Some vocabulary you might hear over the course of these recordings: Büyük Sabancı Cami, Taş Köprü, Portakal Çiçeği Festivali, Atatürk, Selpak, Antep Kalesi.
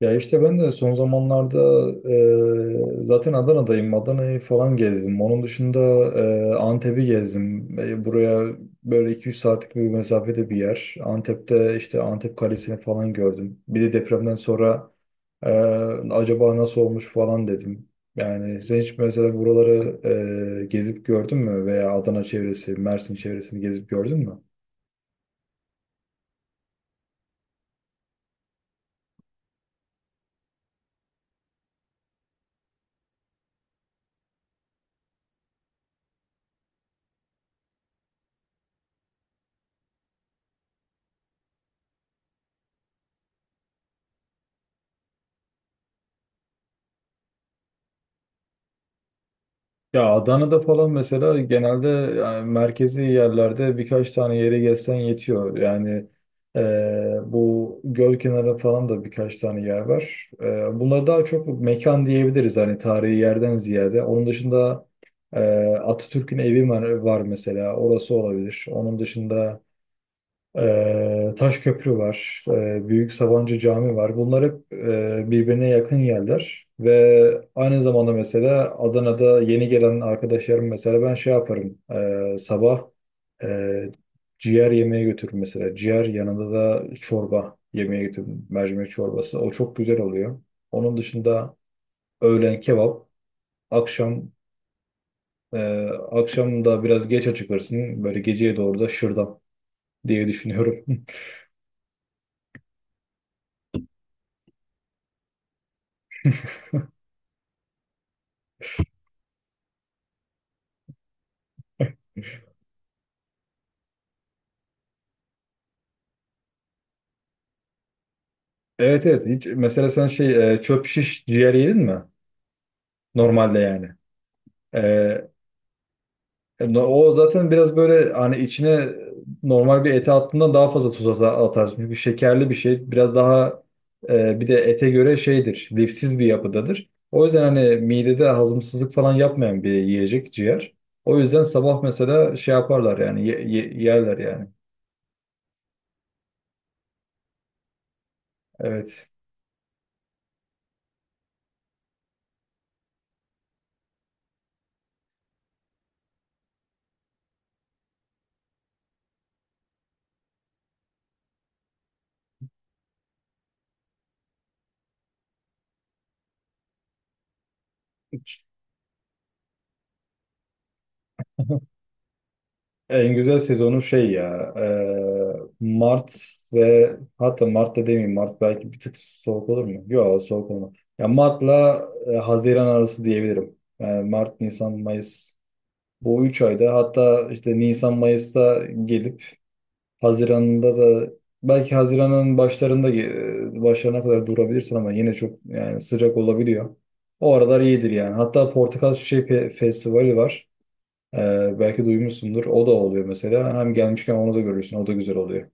Ya işte ben de son zamanlarda zaten Adana'dayım. Adana'yı falan gezdim. Onun dışında Antep'i gezdim. Buraya böyle iki üç saatlik bir mesafede bir yer. Antep'te işte Antep Kalesi'ni falan gördüm. Bir de depremden sonra e, acaba nasıl olmuş falan dedim. Yani sen hiç mesela buraları gezip gördün mü? Veya Adana çevresi, Mersin çevresini gezip gördün mü? Ya Adana'da falan mesela genelde yani merkezi yerlerde birkaç tane yere gezsen yetiyor. Yani bu göl kenarı falan da birkaç tane yer var. Bunlar daha çok mekan diyebiliriz hani tarihi yerden ziyade. Onun dışında e, Atatürk'ün evi var, var mesela orası olabilir. Onun dışında Taş Köprü var, Büyük Sabancı Cami var. Bunlar hep birbirine yakın yerler ve aynı zamanda mesela Adana'da yeni gelen arkadaşlarım mesela ben şey yaparım sabah ee, ciğer yemeğe götürürüm, mesela ciğer yanında da çorba yemeğe götürürüm, mercimek çorbası, o çok güzel oluyor. Onun dışında öğlen kebap, akşam ee, akşam da biraz geç açılırsın, böyle geceye doğru da şırdan diye düşünüyorum. Evet, evet, hiç mesela sen şey, çöp şiş ciğer yedin mi? Normalde yani. E, o zaten biraz böyle hani içine normal bir ete attığından daha fazla tuz atarsın. Çünkü şekerli bir şey biraz daha, bir de ete göre şeydir, lifsiz bir yapıdadır. O yüzden hani midede hazımsızlık falan yapmayan bir yiyecek ciğer. O yüzden sabah mesela şey yaparlar yani yerler yani. Evet. En güzel sezonu şey ya, Mart, ve hatta Mart'ta demeyeyim, Mart belki bir tık soğuk olur mu? Yok, soğuk olmaz. Ya Mart'la Haziran arası diyebilirim. Yani Mart, Nisan, Mayıs, bu 3 ayda, hatta işte Nisan, Mayıs'ta gelip Haziran'da da, belki Haziran'ın başlarında başlarına kadar durabilirsin ama yine çok yani sıcak olabiliyor. O aralar iyidir yani. Hatta Portakal Çiçeği Festivali var. Belki duymuşsundur. O da oluyor mesela. Hem gelmişken onu da görürsün. O da güzel oluyor.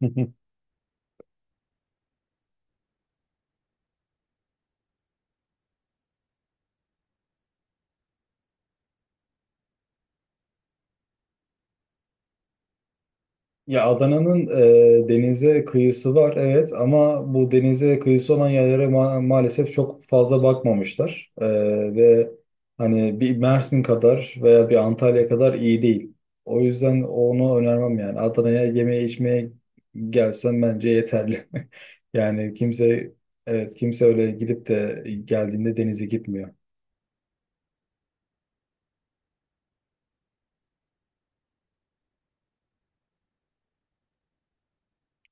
Ya Adana'nın denize kıyısı var evet, ama bu denize kıyısı olan yerlere maalesef çok fazla bakmamışlar. Ve hani bir Mersin kadar veya bir Antalya kadar iyi değil. O yüzden onu önermem yani. Adana'ya yemeğe, içmeye gelsen bence yeterli. Yani kimse, evet, kimse öyle gidip de geldiğinde denize gitmiyor.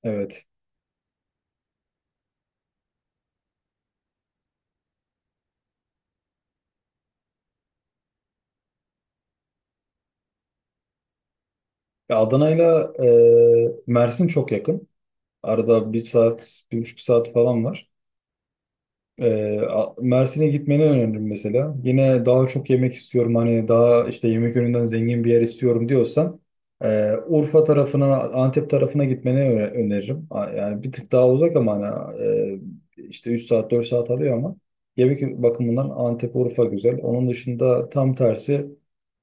Evet. Ya Adana'yla Mersin çok yakın. Arada bir saat, bir buçuk saat falan var. Mersin'e gitmeni öneririm mesela. Yine daha çok yemek istiyorum, hani daha işte yemek yönünden zengin bir yer istiyorum diyorsan, Urfa tarafına, Antep tarafına gitmeni öneririm. Yani bir tık daha uzak ama hani, işte 3 saat 4 saat alıyor, ama yemek bakımından Antep, Urfa güzel. Onun dışında tam tersi,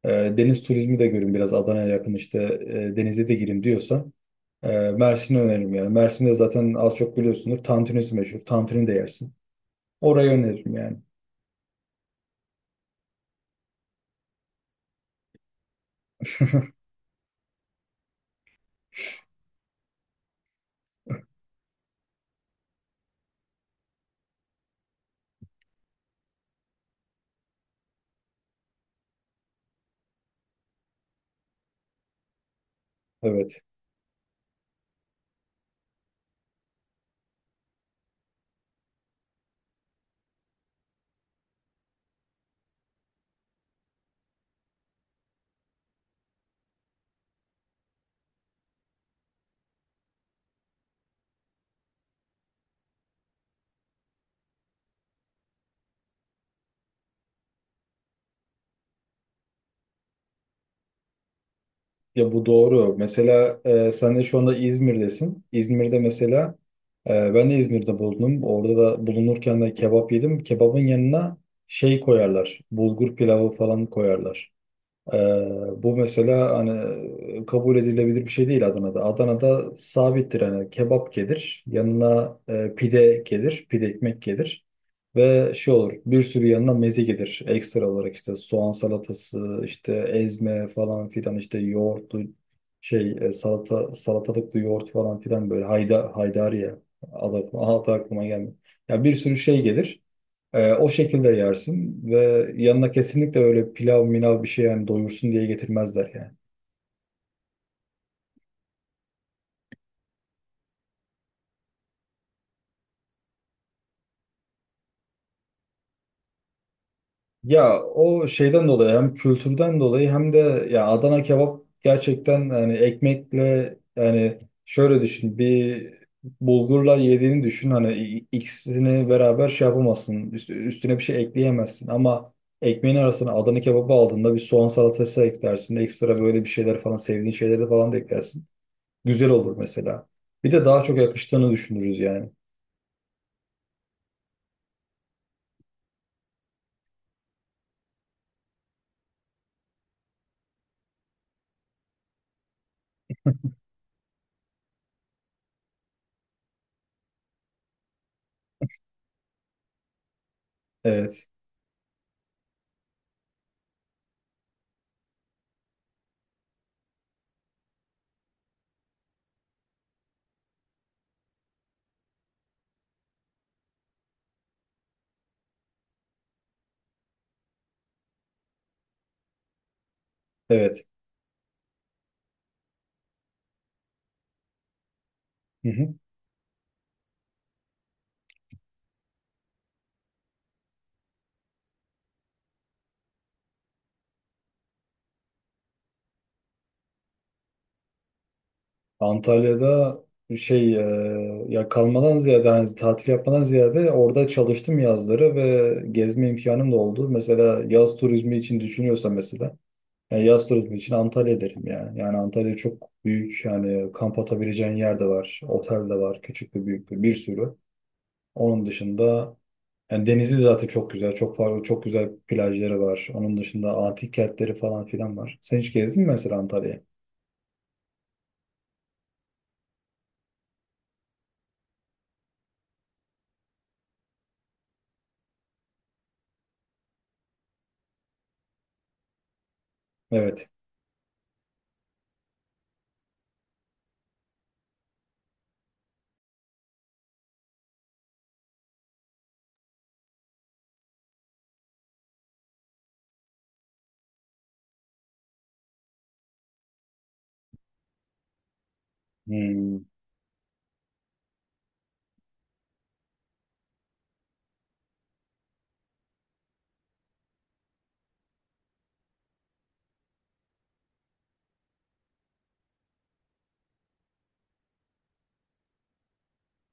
e, deniz turizmi de görün biraz, Adana'ya yakın işte, denize de girin diyorsa, Mersin'i öneririm yani. Mersin'de zaten az çok biliyorsunuz. Tantunisi meşhur. Tantuni de yersin. Orayı öneririm yani. Evet. Ya bu doğru. Mesela sen de şu anda İzmir'desin. İzmir'de mesela ben de İzmir'de bulundum. Orada da bulunurken de kebap yedim. Kebabın yanına şey koyarlar, bulgur pilavı falan koyarlar. Ee, bu mesela hani kabul edilebilir bir şey değil Adana'da. Adana'da sabittir hani, kebap gelir, yanına pide gelir, pide ekmek gelir ve şey olur, bir sürü yanına meze gelir. Ekstra olarak işte soğan salatası, işte ezme falan filan, işte yoğurtlu şey, salata, salatalıklı yoğurt falan filan, böyle hayda, haydari ya, adı aklıma gelmiyor. Ya bir sürü şey gelir. O şekilde yersin ve yanına kesinlikle öyle pilav minav bir şey, yani doyursun diye getirmezler yani. Ya o şeyden dolayı, hem kültürden dolayı hem de ya, Adana kebap gerçekten hani ekmekle yani, şöyle düşün bir, bulgurla yediğini düşün, hani ikisini beraber şey yapamazsın, üstüne bir şey ekleyemezsin, ama ekmeğin arasına Adana kebabı aldığında bir soğan salatası eklersin, ekstra böyle bir şeyler falan, sevdiğin şeyleri falan da eklersin. Güzel olur mesela. Bir de daha çok yakıştığını düşünürüz yani. Evet. Evet. Hı hı. Antalya'da şey, ya kalmadan ziyade hani tatil yapmadan ziyade orada çalıştım yazları, ve gezme imkanım da oldu. Mesela yaz turizmi için düşünüyorsa mesela, yani yaz turizmi için Antalya derim yani. Yani Antalya çok büyük yani, kamp atabileceğin yer de var, otel de var, küçük de büyük de bir sürü. Onun dışında, yani denizi zaten çok güzel. Çok farklı, çok güzel plajları var. Onun dışında antik kentleri falan filan var. Sen hiç gezdin mi mesela Antalya'ya? Evet. Hmm.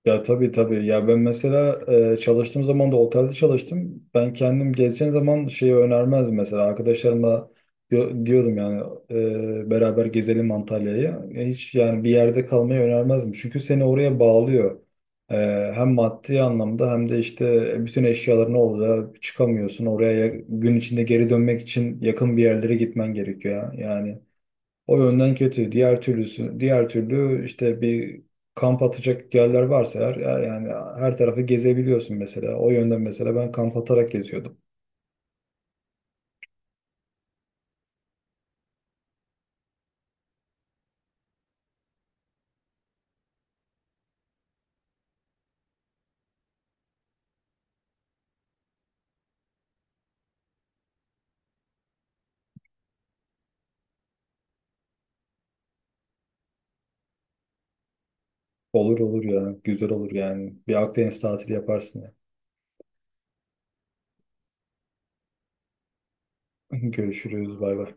Ya tabii, tabii. Ya ben mesela çalıştığım zaman da otelde çalıştım. Ben kendim gezeceğim zaman şeyi önermezdim mesela. Arkadaşlarıma diyordum yani, beraber gezelim Antalya'yı. E, hiç yani bir yerde kalmayı önermezdim. Çünkü seni oraya bağlıyor. E, hem maddi anlamda hem de işte bütün eşyaların olacağı çıkamıyorsun. Oraya gün içinde geri dönmek için yakın bir yerlere gitmen gerekiyor ya. Yani o yönden kötü. Diğer türlü işte bir kamp atacak yerler varsa eğer, yani her tarafı gezebiliyorsun mesela. O yönden mesela ben kamp atarak geziyordum. Olur olur ya. Güzel olur yani. Bir Akdeniz tatili yaparsın ya. Görüşürüz. Bay bay.